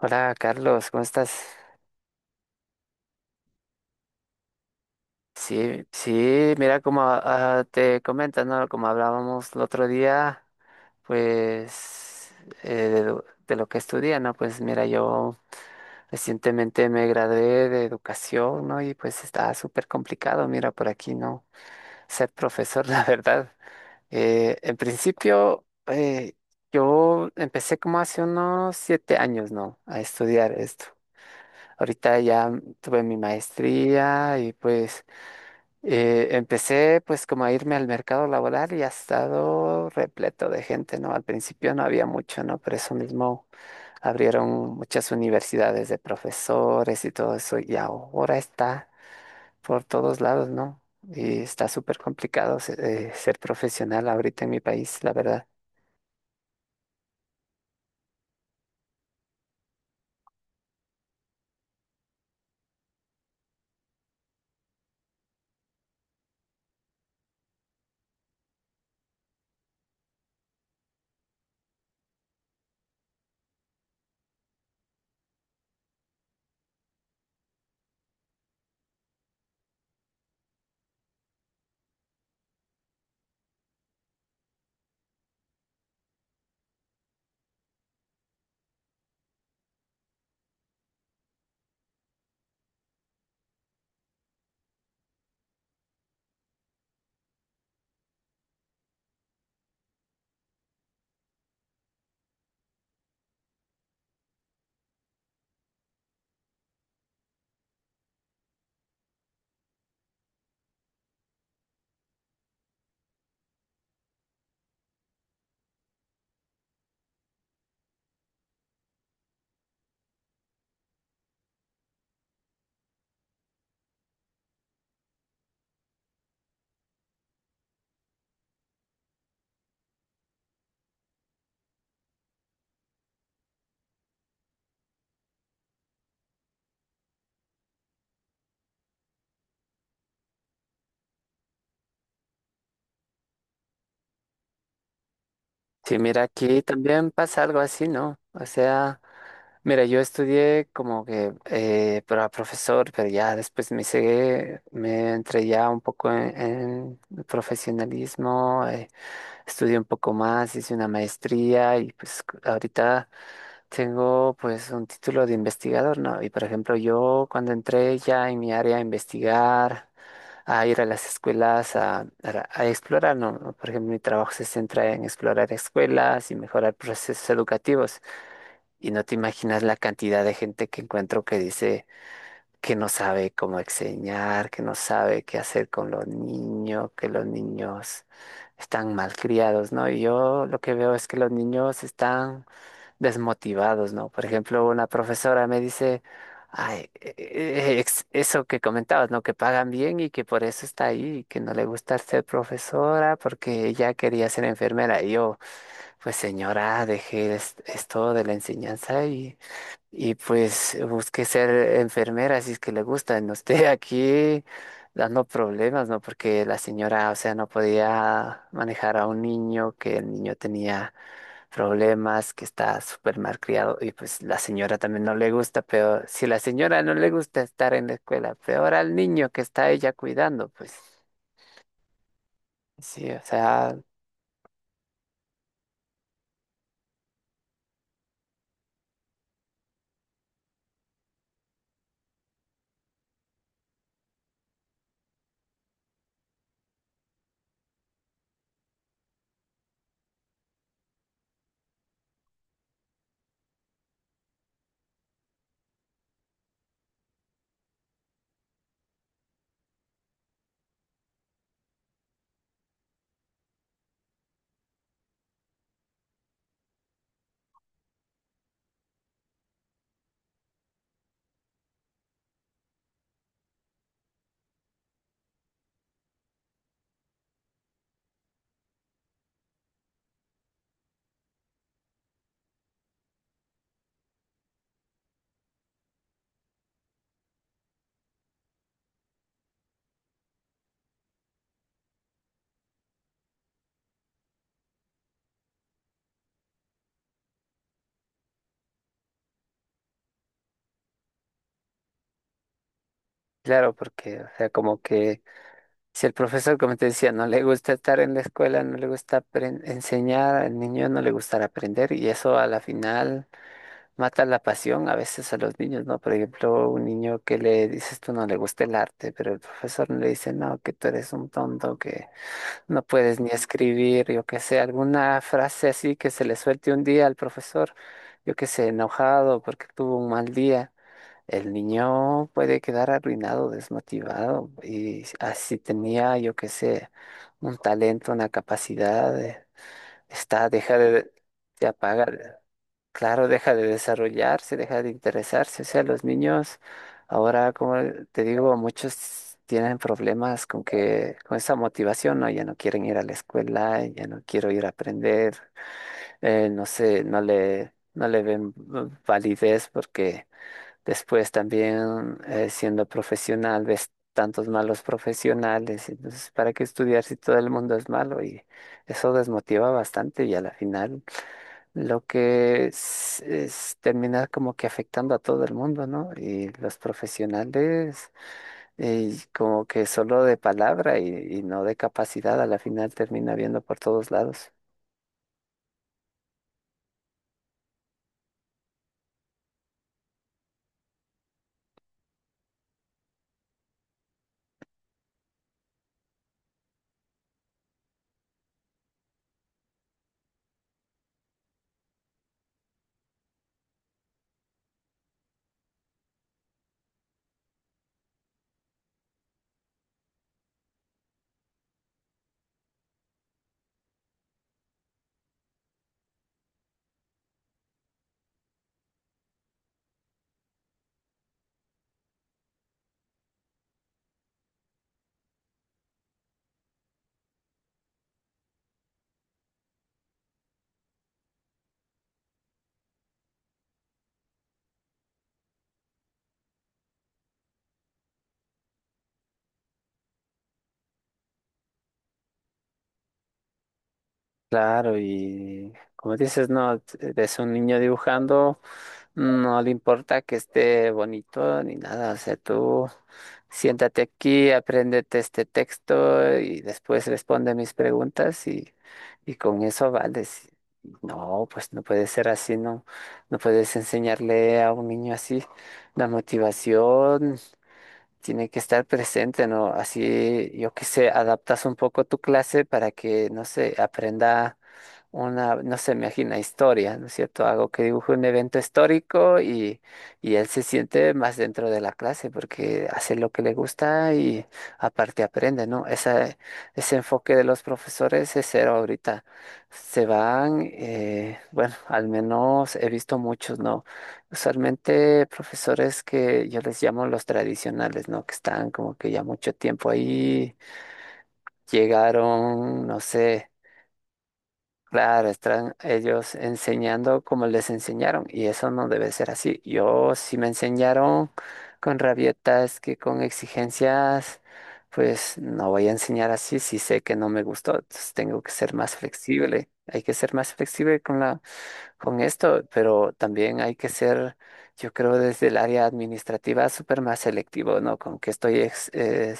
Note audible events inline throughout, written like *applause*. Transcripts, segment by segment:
Hola Carlos, ¿cómo estás? Sí, sí, mira como te comentas, ¿no? Como hablábamos el otro día, pues lo de lo que estudia, ¿no? Pues mira, yo recientemente me gradué de educación, ¿no? Y pues está súper complicado, mira, por aquí, ¿no? Ser profesor, *laughs* la verdad. En principio, yo empecé como hace unos 7 años, ¿no? A estudiar esto. Ahorita ya tuve mi maestría y pues empecé pues como a irme al mercado laboral y ha estado repleto de gente, ¿no? Al principio no había mucho, ¿no? Por eso mismo abrieron muchas universidades de profesores y todo eso y ahora está por todos lados, ¿no? Y está súper complicado ser profesional ahorita en mi país, la verdad. Sí, mira, aquí también pasa algo así, ¿no? O sea, mira, yo estudié como que para profesor, pero ya después me seguí, me entré ya un poco en el profesionalismo, estudié un poco más, hice una maestría y pues ahorita tengo pues un título de investigador, ¿no? Y por ejemplo, yo cuando entré ya en mi área a investigar, a ir a las escuelas a explorar, ¿no? Por ejemplo, mi trabajo se centra en explorar escuelas y mejorar procesos educativos. Y no te imaginas la cantidad de gente que encuentro que dice que no sabe cómo enseñar, que no sabe qué hacer con los niños, que los niños están malcriados, ¿no? Y yo lo que veo es que los niños están desmotivados, ¿no? Por ejemplo, una profesora me dice, ay, eso que comentabas, ¿no? Que pagan bien y que por eso está ahí, que no le gusta ser profesora porque ella quería ser enfermera. Y yo, pues señora, dejé esto de la enseñanza y pues busqué ser enfermera, si es que le gusta. No esté aquí dando problemas, ¿no? Porque la señora, o sea, no podía manejar a un niño, que el niño tenía problemas, que está súper mal criado. Y pues la señora también no le gusta, pero si la señora no le gusta estar en la escuela, peor al niño que está ella cuidando, pues sí, o sea, claro, porque, o sea, como que... Si el profesor, como te decía, no le gusta estar en la escuela, no le gusta enseñar, al niño no le gustará aprender y eso a la final mata la pasión a veces a los niños, ¿no? Por ejemplo, un niño que le dices tú no le gusta el arte, pero el profesor le dice, no, que tú eres un tonto, que no puedes ni escribir, yo qué sé, alguna frase así que se le suelte un día al profesor, yo qué sé, enojado porque tuvo un mal día. El niño puede quedar arruinado, desmotivado. Y así tenía, yo qué sé, un talento, una capacidad, está, deja de, se apaga, claro, deja de desarrollarse, deja de interesarse. O sea, los niños, ahora, como te digo, muchos tienen problemas con que, con esa motivación, ¿no? Ya no quieren ir a la escuela, ya no quiero ir a aprender, no sé, no le ven validez porque después también siendo profesional ves tantos malos profesionales, entonces ¿para qué estudiar si todo el mundo es malo? Y eso desmotiva bastante y a la final lo que es terminar como que afectando a todo el mundo, ¿no? Y los profesionales como que solo de palabra y no de capacidad, a la final termina viendo por todos lados. Claro, y como dices, no, es un niño dibujando, no le importa que esté bonito ni nada, o sea, tú siéntate aquí, apréndete este texto y después responde mis preguntas y con eso vales. No, pues no puede ser así, no, no puedes enseñarle a un niño así. La motivación tiene que estar presente, ¿no? Así, yo qué sé, adaptas un poco tu clase para que, no sé, aprenda una, no se imagina historia, ¿no es cierto? Algo que dibuje un evento histórico y él se siente más dentro de la clase porque hace lo que le gusta y aparte aprende, ¿no? Esa, ese enfoque de los profesores es cero ahorita. Se van, bueno, al menos he visto muchos, ¿no? Usualmente profesores que yo les llamo los tradicionales, ¿no? Que están como que ya mucho tiempo ahí, llegaron, no sé. Claro, están ellos enseñando como les enseñaron y eso no debe ser así. Yo si me enseñaron con rabietas, que con exigencias, pues no voy a enseñar así si sé que no me gustó. Entonces tengo que ser más flexible. Hay que ser más flexible con la, con esto, pero también hay que ser, yo creo, desde el área administrativa súper más selectivo, ¿no? Con qué estoy,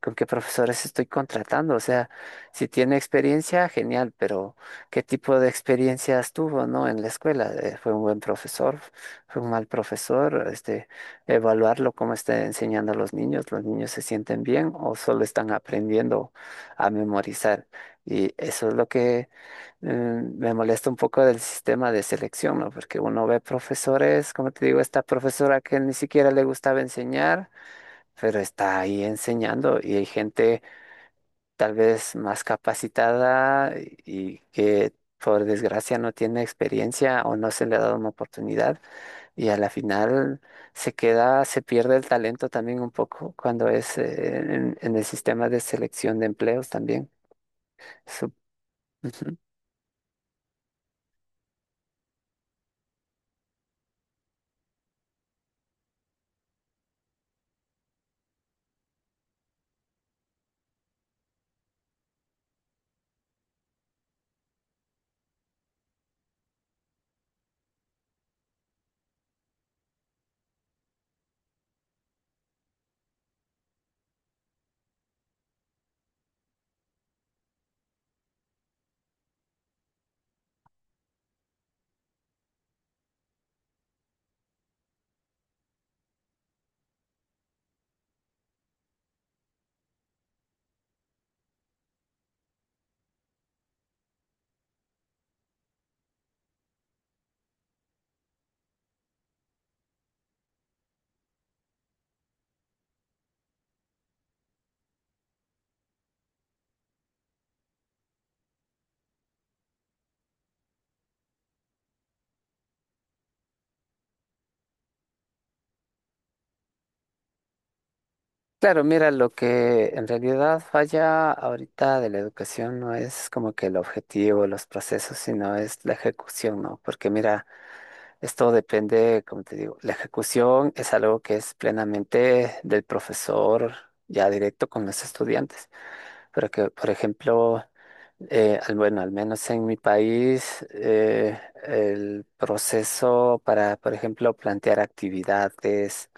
con qué profesores estoy contratando. O sea, si tiene experiencia, genial, pero qué tipo de experiencias tuvo, ¿no? En la escuela, fue un buen profesor, fue un mal profesor, este, evaluarlo cómo está enseñando a los niños se sienten bien o solo están aprendiendo a memorizar. Y eso es lo que me molesta un poco del sistema de selección, ¿no? Porque uno ve profesores, como te digo, esta profesora que ni siquiera le gustaba enseñar, pero está ahí enseñando y hay gente tal vez más capacitada y que por desgracia no tiene experiencia o no se le ha dado una oportunidad y a la final se queda, se pierde el talento también un poco cuando es en el sistema de selección de empleos también. Su- Ujú. Claro, mira, lo que en realidad falla ahorita de la educación no es como que el objetivo, los procesos, sino es la ejecución, ¿no? Porque mira, esto depende, como te digo, la ejecución es algo que es plenamente del profesor ya directo con los estudiantes. Pero que, por ejemplo, bueno, al menos en mi país, el proceso para, por ejemplo, plantear actividades,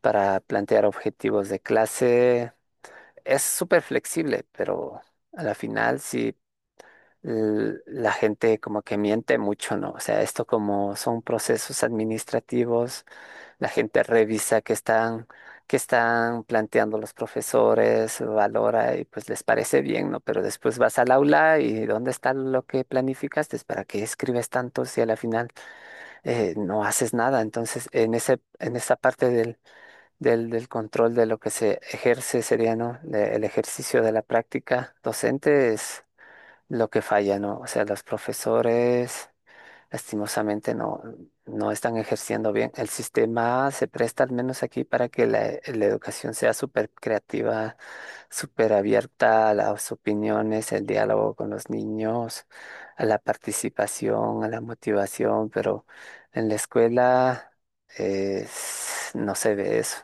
para plantear objetivos de clase, es súper flexible, pero a la final, sí la gente como que miente mucho, ¿no? O sea, esto como son procesos administrativos, la gente revisa qué están planteando los profesores, valora y pues les parece bien, ¿no? Pero después vas al aula y ¿dónde está lo que planificaste? ¿Para qué escribes tanto si a la final no haces nada? Entonces, en esa parte del control de lo que se ejerce sería, ¿no? El ejercicio de la práctica docente lo que falla, ¿no? O sea, los profesores lastimosamente no, no están ejerciendo bien. El sistema se presta al menos aquí para que la educación sea súper creativa, súper abierta a las opiniones, el diálogo con los niños, a la participación, a la motivación, pero en la escuela no se ve eso.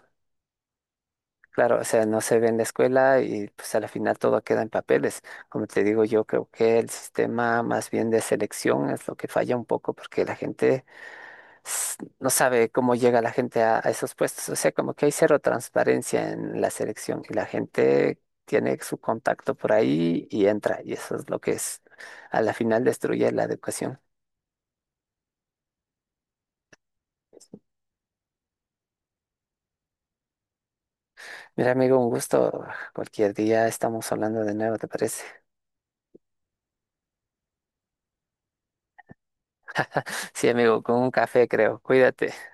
Claro, o sea, no se ve en la escuela y pues a la final todo queda en papeles. Como te digo, yo creo que el sistema más bien de selección es lo que falla un poco porque la gente no sabe cómo llega la gente a esos puestos. O sea, como que hay cero transparencia en la selección y la gente tiene su contacto por ahí y entra. Y eso es lo que es, a la final destruye la educación. Mira, amigo, un gusto. Cualquier día estamos hablando de nuevo, ¿te parece? Sí, amigo, con un café creo. Cuídate.